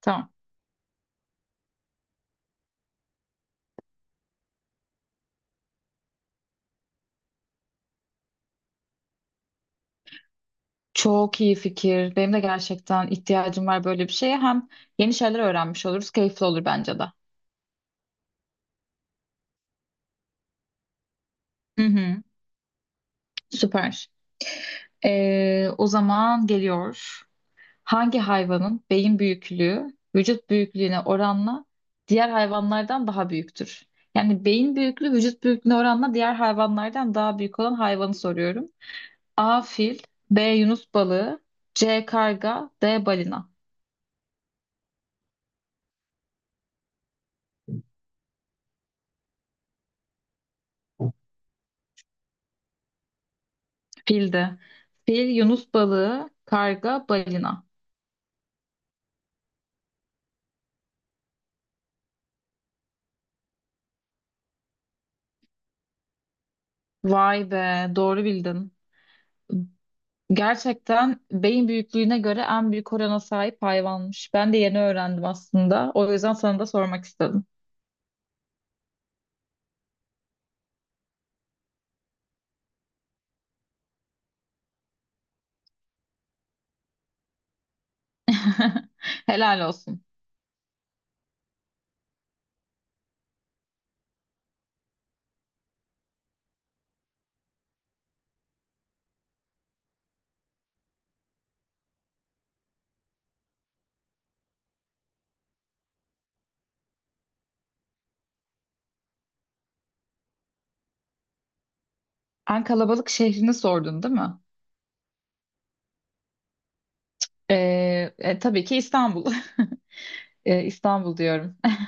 Tamam. Çok iyi fikir. Benim de gerçekten ihtiyacım var böyle bir şeye. Hem yeni şeyler öğrenmiş oluruz. Keyifli olur bence de. Hı hı. Süper. O zaman geliyor. Hangi hayvanın beyin büyüklüğü vücut büyüklüğüne oranla diğer hayvanlardan daha büyüktür? Yani beyin büyüklüğü vücut büyüklüğüne oranla diğer hayvanlardan daha büyük olan hayvanı soruyorum. A. Fil, B. Yunus balığı, C. Karga, D. Balina. Fildi. Fil, yunus balığı, karga, balina. Vay be, doğru bildin. Gerçekten beyin büyüklüğüne göre en büyük orana sahip hayvanmış. Ben de yeni öğrendim aslında. O yüzden sana da sormak istedim. Helal olsun. En kalabalık şehrini sordun, değil mi? Tabii ki İstanbul. İstanbul diyorum.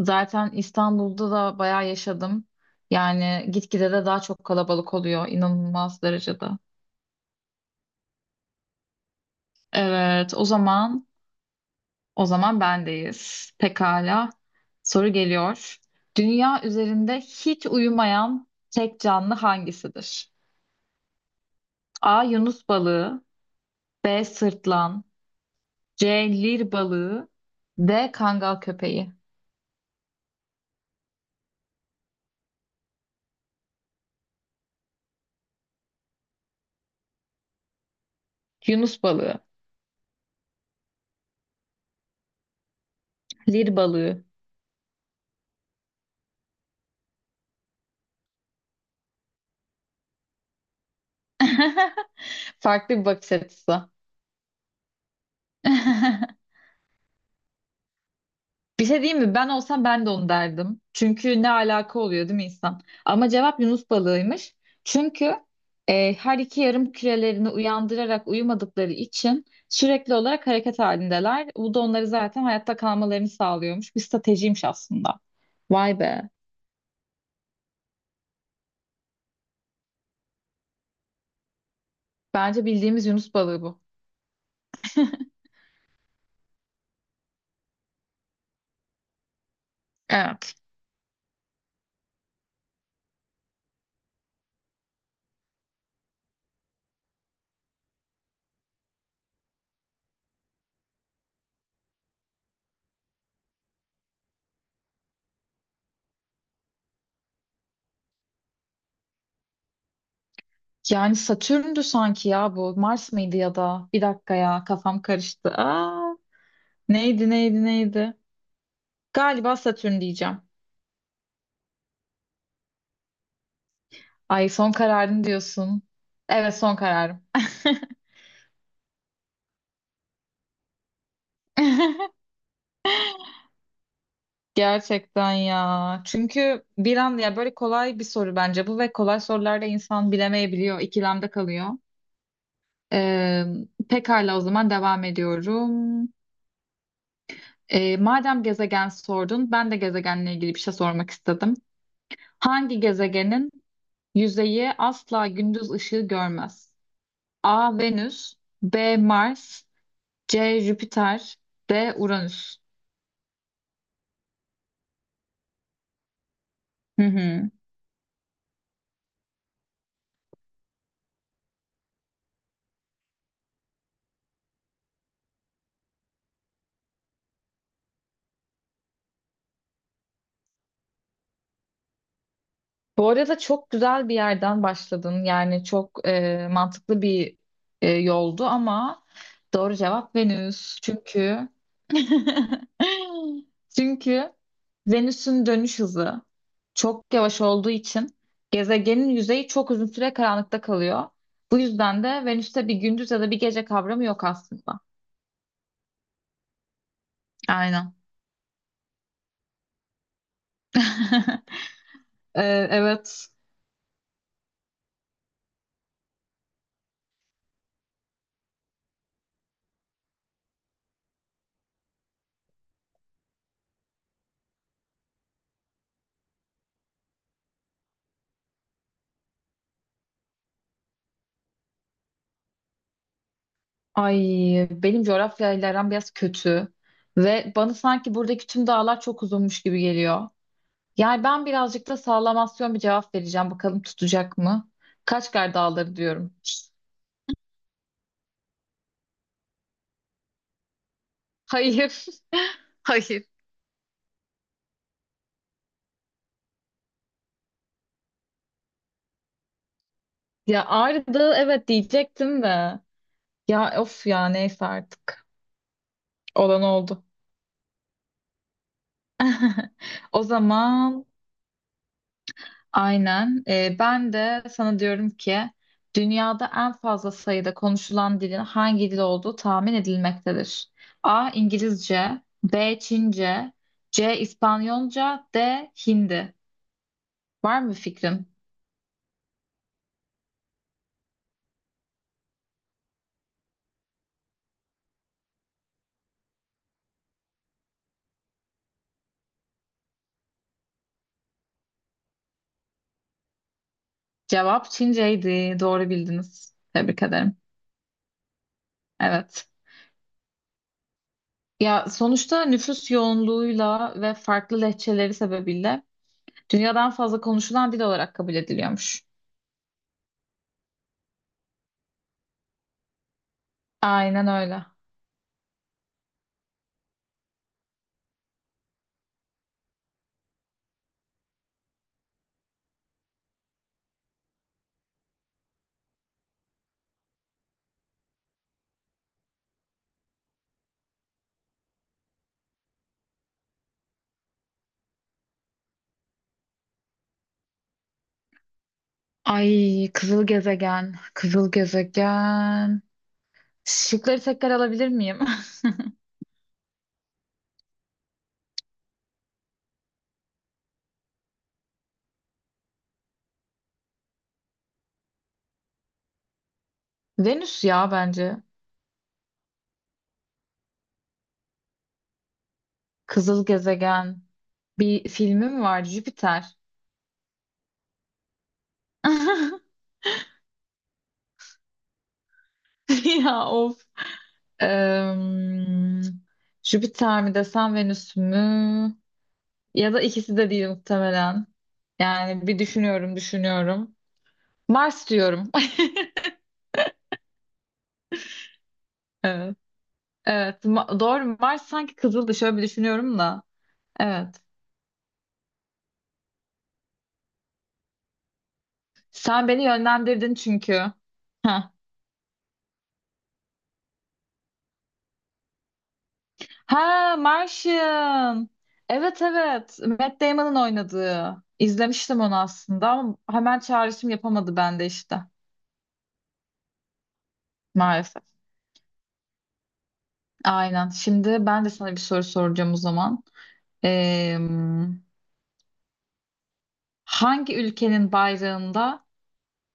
Zaten İstanbul'da da bayağı yaşadım. Yani gitgide de daha çok kalabalık oluyor, inanılmaz derecede. Evet, o zaman. O zaman bendeyiz. Pekala. Soru geliyor. Dünya üzerinde hiç uyumayan tek canlı hangisidir? A. Yunus balığı, B. Sırtlan, C. Lir balığı, D. Kangal köpeği. Yunus balığı. Lir balığı. Farklı bir bakış açısı. Bir şey diyeyim mi? Ben olsam ben de onu derdim. Çünkü ne alaka oluyor değil mi insan? Ama cevap Yunus balığıymış. Çünkü her iki yarım kürelerini uyandırarak uyumadıkları için sürekli olarak hareket halindeler. Bu da onları zaten hayatta kalmalarını sağlıyormuş. Bir stratejiymiş aslında. Vay be. Bence bildiğimiz Yunus balığı bu. Evet. Yani Satürn'dü sanki ya bu. Mars mıydı ya da? Bir dakika ya kafam karıştı. Neydi neydi? Galiba Satürn diyeceğim. Ay son kararın diyorsun. Evet son kararım. Gerçekten ya. Çünkü bir an ya böyle kolay bir soru bence bu ve kolay sorularda insan bilemeyebiliyor, ikilemde kalıyor. Ee, Pekala o zaman devam ediyorum. Madem gezegen sordun, ben de gezegenle ilgili bir şey sormak istedim. Hangi gezegenin yüzeyi asla gündüz ışığı görmez? A. Venüs, B. Mars, C. Jüpiter, D. Uranüs. Hı hı. Bu arada çok güzel bir yerden başladın. Yani çok mantıklı bir yoldu ama doğru cevap Venüs. Çünkü çünkü Venüs'ün dönüş hızı çok yavaş olduğu için gezegenin yüzeyi çok uzun süre karanlıkta kalıyor. Bu yüzden de Venüs'te bir gündüz ya da bir gece kavramı yok aslında. Aynen. E, evet. Ay benim coğrafyayla aram biraz kötü ve bana sanki buradaki tüm dağlar çok uzunmuş gibi geliyor. Yani ben birazcık da sallamasyon bir cevap vereceğim. Bakalım tutacak mı? Kaçkar Dağları diyorum. Hayır. Hayır. Ya Ağrı Dağı evet diyecektim de. Ya of ya neyse artık. Olan oldu. O zaman aynen. Ben de sana diyorum ki dünyada en fazla sayıda konuşulan dilin hangi dil olduğu tahmin edilmektedir. A. İngilizce, B. Çince, C. İspanyolca, D. Hindi. Var mı fikrin? Cevap Çinceydi. Doğru bildiniz. Tebrik ederim. Evet. Ya sonuçta nüfus yoğunluğuyla ve farklı lehçeleri sebebiyle dünyadan fazla konuşulan dil olarak kabul ediliyormuş. Aynen öyle. Ay kızıl gezegen, kızıl gezegen. Şıkları tekrar alabilir miyim? Venüs ya bence. Kızıl gezegen. Bir filmi mi vardı? Jüpiter. Ya of. Em, Jüpiter mi desem Venüs mü? Ya da ikisi de değil muhtemelen. Yani bir düşünüyorum, düşünüyorum. Mars diyorum. Evet. Evet. Doğru. Mars sanki kızıldı. Şöyle bir düşünüyorum da. Evet. Sen beni yönlendirdin çünkü. Ha. Ha, Martian. Evet evet. Matt Damon'ın oynadığı. İzlemiştim onu aslında ama hemen çağrışım yapamadı bende işte. Maalesef. Aynen. Şimdi ben de sana bir soru soracağım o zaman. Ee, Hangi ülkenin bayrağında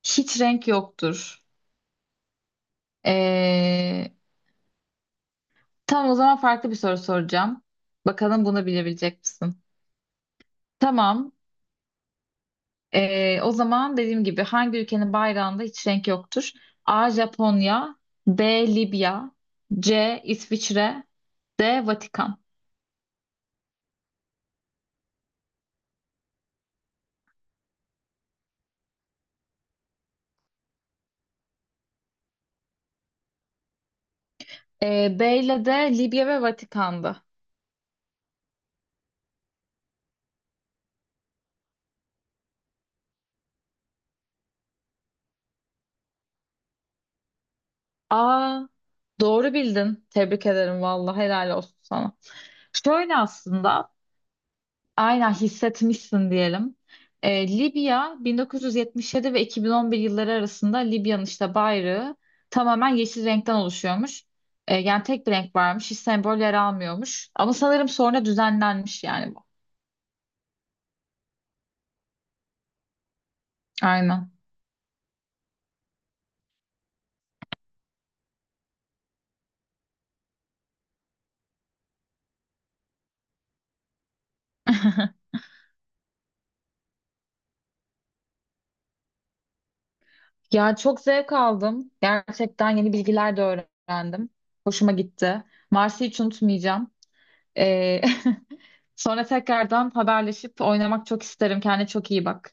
hiç renk yoktur? Ee, tamam o zaman farklı bir soru soracağım. Bakalım bunu bilebilecek misin? Tamam. O zaman dediğim gibi hangi ülkenin bayrağında hiç renk yoktur? A. Japonya, B. Libya, C. İsviçre, D. Vatikan. B ile D. Libya ve Vatikan'dı. A. Doğru bildin. Tebrik ederim vallahi helal olsun sana. Şöyle aslında aynen hissetmişsin diyelim. Libya 1977 ve 2011 yılları arasında Libya'nın işte bayrağı tamamen yeşil renkten oluşuyormuş. Yani tek bir renk varmış, hiç sembol yer almıyormuş. Ama sanırım sonra düzenlenmiş yani bu. Aynen. Ya çok zevk aldım. Gerçekten yeni bilgiler de öğrendim. Hoşuma gitti. Mars'ı hiç unutmayacağım. Ee, sonra tekrardan haberleşip oynamak çok isterim. Kendine çok iyi bak.